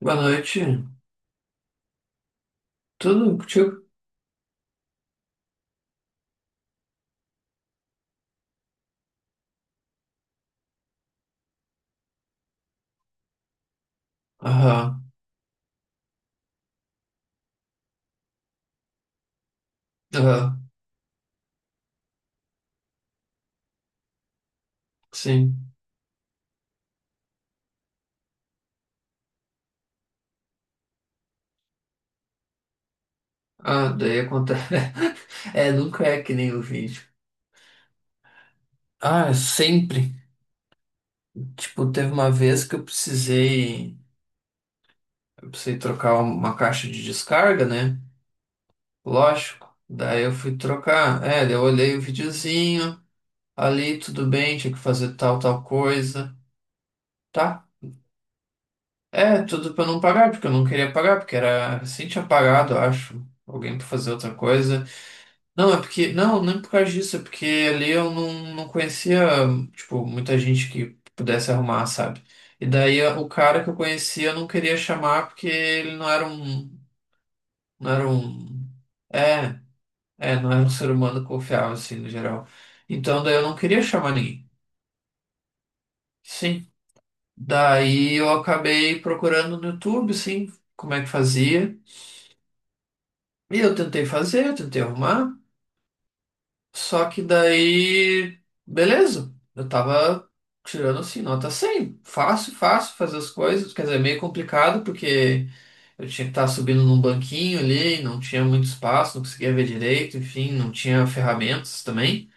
Boa noite. Tudo contigo? Aham, aham, sim. Ah, daí acontece. É, nunca é que nem o vídeo. Ah, é sempre. Tipo, teve uma vez que eu precisei. Eu precisei trocar uma caixa de descarga, né? Lógico. Daí eu fui trocar. É, daí eu olhei o videozinho. Ali, tudo bem, tinha que fazer tal, tal coisa. Tá? É, tudo pra não pagar, porque eu não queria pagar, porque era. Assim tinha pagado, eu acho. Alguém pra fazer outra coisa. Não, é porque. Não, nem por causa disso, é porque ali eu não conhecia, tipo, muita gente que pudesse arrumar, sabe? E daí o cara que eu conhecia eu não queria chamar porque ele não era um. Não era um. É, é, não era um ser humano confiável, assim, no geral. Então daí eu não queria chamar ninguém. Sim. Daí eu acabei procurando no YouTube, assim, como é que fazia. E eu tentei fazer, eu tentei arrumar. Só que daí, beleza. Eu tava tirando assim, nota 100. Fácil, fácil fazer as coisas. Quer dizer, é meio complicado porque eu tinha que estar subindo num banquinho ali, não tinha muito espaço, não conseguia ver direito, enfim, não tinha ferramentas também.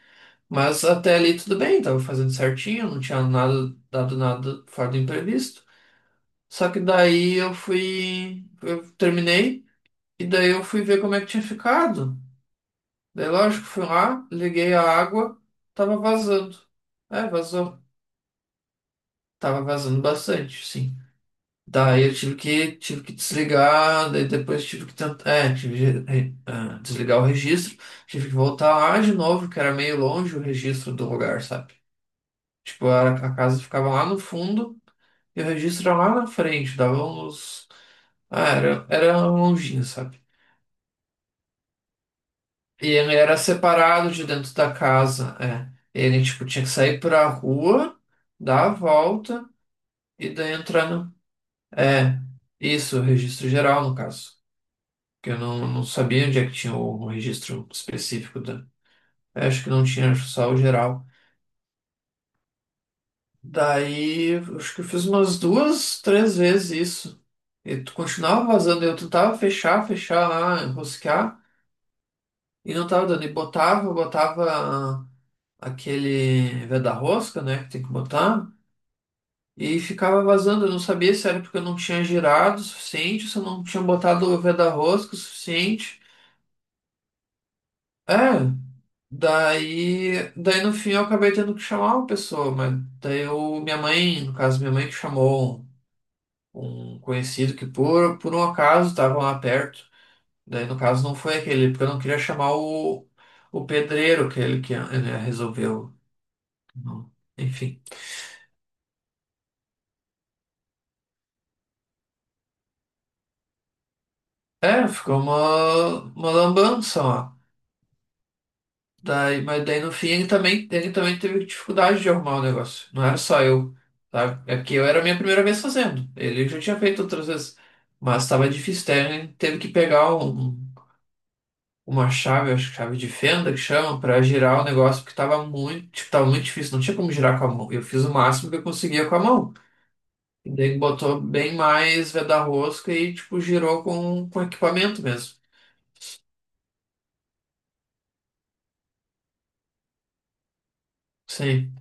Mas até ali tudo bem, tava fazendo certinho, não tinha nada, dado nada fora do imprevisto. Só que daí eu fui, eu terminei e daí eu fui ver como é que tinha ficado. Daí, lógico, fui lá, liguei a água, tava vazando. É, vazou. Tava vazando bastante, sim. Daí eu tive que, desligar, daí depois tive que tentar, é, tive que desligar o registro, tive que voltar lá de novo, que era meio longe o registro do lugar, sabe? Tipo, a casa ficava lá no fundo e o registro era lá na frente, dava uns. Ah, era longinho, sabe? E ele era separado de dentro da casa, é. Ele, tipo, tinha que sair pra rua, dar a volta e daí entrar no... É, isso, o registro geral, no caso. Que eu não sabia onde é que tinha o registro específico da... é, acho que não tinha, acho só o geral. Daí, acho que eu fiz umas duas, três vezes isso. E tu continuava vazando, eu tentava fechar, lá, enroscar, e não tava dando. E botava... aquele da rosca, né, que tem que botar, e ficava vazando. Eu não sabia se era porque eu não tinha girado o suficiente, se eu não tinha botado o da rosca o suficiente. É, daí no fim eu acabei tendo que chamar uma pessoa, mas daí eu, minha mãe, no caso, minha mãe que chamou um conhecido que por um acaso estava lá perto. Daí no caso não foi aquele, porque eu não queria chamar o pedreiro, aquele que resolveu. Enfim. É, ficou uma lambança lá. Daí, mas daí no fim ele também teve dificuldade de arrumar o negócio. Não era só eu, sabe? É porque eu era a minha primeira vez fazendo. Ele já tinha feito outras vezes. Mas estava difícil, daí ele teve que pegar uma chave, acho que chave de fenda que chama, para girar o negócio, porque estava muito, tipo, tava muito difícil, não tinha como girar com a mão. Eu fiz o máximo que eu conseguia com a mão. E daí ele botou bem mais veda-rosca e, tipo, girou com, equipamento mesmo. Sim.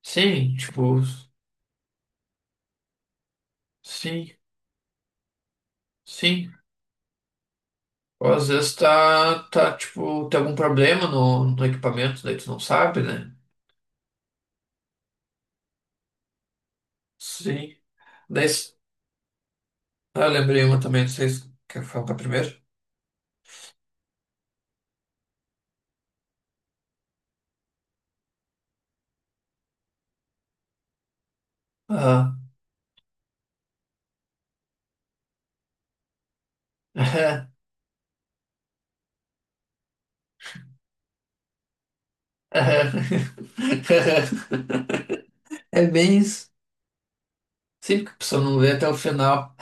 Sim, tipo. Sim, sim. Ou às vezes tá, tipo, tem algum problema no equipamento, daí tu não sabe, né? Sim. Daí, eu lembrei uma também, não sei se quer falar primeiro. Ah. É bem isso. Sim, porque a pessoa não vê até o final.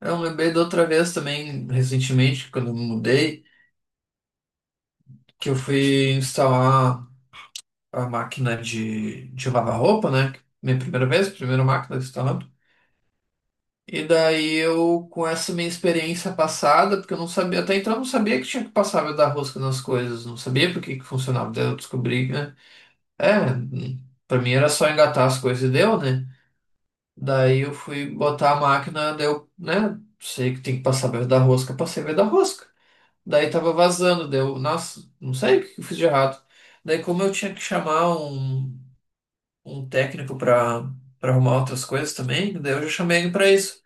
Eu lembrei da outra vez também, recentemente, quando eu me mudei, que eu fui instalar a máquina de lavar roupa, né? Minha primeira vez, primeira máquina que eu instalava. E daí eu, com essa minha experiência passada, porque eu não sabia, até então eu não sabia que tinha que passar a dar rosca nas coisas, não sabia por que que funcionava. Daí eu descobri, né? É, pra mim era só engatar as coisas e deu, né? Daí eu fui botar a máquina, daí eu, né? Sei que tem que passar a dar rosca, passei a dar rosca. Daí tava vazando, deu, nossa, não sei o que eu fiz de errado. Daí como eu tinha que chamar um, técnico pra arrumar outras coisas também, daí eu já chamei ele pra isso.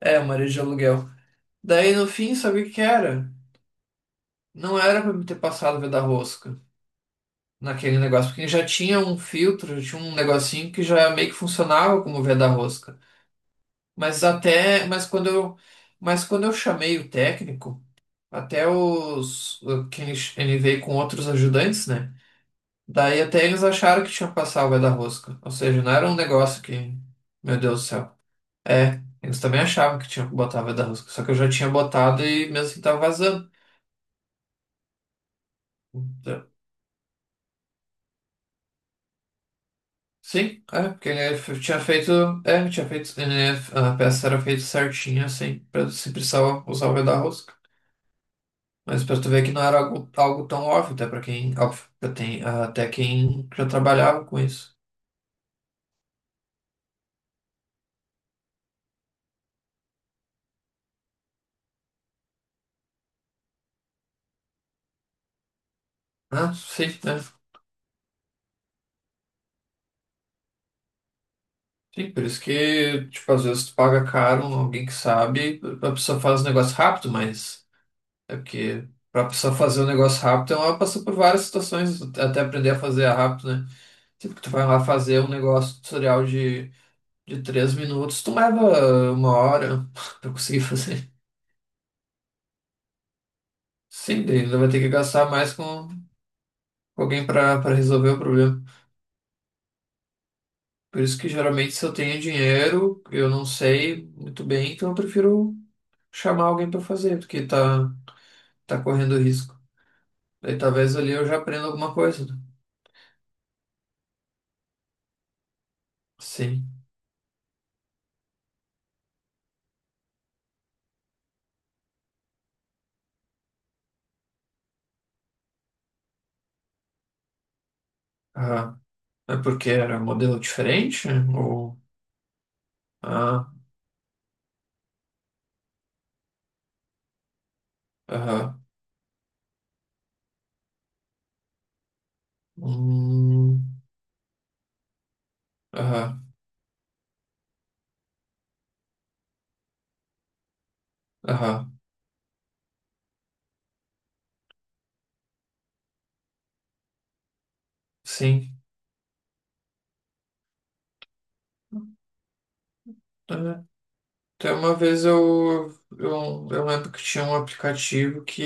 É, o marido de aluguel. Daí no fim, sabe o que que era? Não era pra me ter passado o veda rosca naquele negócio, porque já tinha um filtro, já tinha um negocinho que já meio que funcionava como veda rosca. Mas até, mas quando eu chamei o técnico, até que ele veio com outros ajudantes, né? Daí até eles acharam que tinha passado o veda rosca, ou seja, não era um negócio que, meu Deus do céu. É, eles também achavam que tinha que botar o da rosca, só que eu já tinha botado e mesmo assim tava vazando. Sim, é, porque ele tinha feito. É, tinha feito. A peça era feita certinha, assim, pra se precisava usar o V da rosca. Mas pra tu ver que não era algo, tão óbvio, até pra quem. Óbvio, pra tem, até quem já trabalhava com isso. Ah, sim, né? Sim, por isso que, tipo, às vezes tu paga caro alguém que sabe, a pessoa faz o negócio rápido, mas é porque pra pessoa fazer o negócio rápido, ela passou por várias situações até aprender a fazer rápido, né? Tipo, que tu vai lá fazer um negócio tutorial de 3 minutos tomava uma hora pra conseguir fazer. Sim, daí ainda vai ter que gastar mais com alguém pra para resolver o problema. Por isso que geralmente se eu tenho dinheiro, eu não sei muito bem, então eu prefiro chamar alguém pra fazer, porque tá correndo risco. Daí talvez ali eu já aprenda alguma coisa, né? Sim. Aham. É porque era um modelo diferente? Ou. Ah, aham. Hum, aham, aham. Sim. É. Até uma vez eu, lembro que tinha um aplicativo que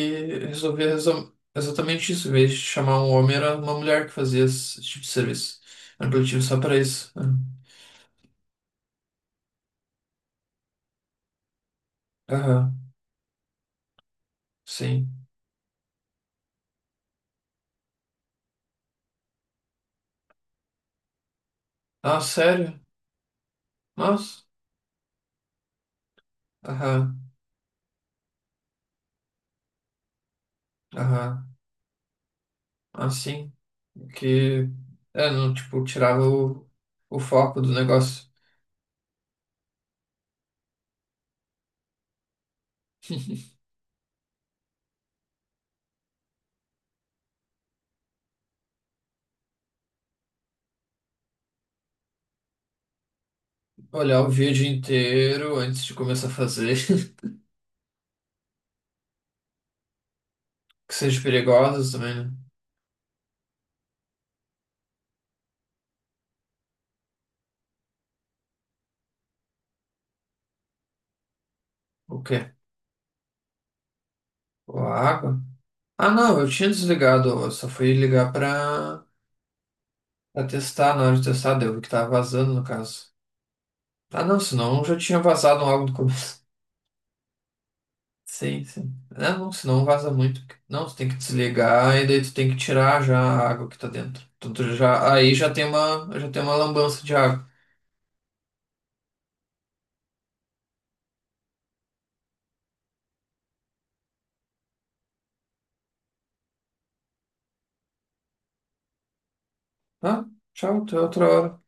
resolvia exatamente isso. Em vez de chamar um homem, era uma mulher que fazia esse tipo de serviço. Era um aplicativo só pra isso. Ah, aham, sim. Ah, sério? Nossa. Aham, aham. Ah, sim. Que, é, não, tipo, tirava o, foco do negócio. Olhar o vídeo inteiro antes de começar a fazer. Que seja perigosa também, né? O quê? A água? Ah, não, eu tinha desligado, eu só fui ligar pra testar, na hora de testar, deu que tava vazando, no caso. Ah, não, senão já tinha vazado algo do começo. Sim, sim. Ah, não, senão vaza muito. Não, tu tem que desligar e daí tu tem que tirar já a água que tá dentro. Então, tu já, aí já tem uma lambança de água. Ah, tchau, até outra hora.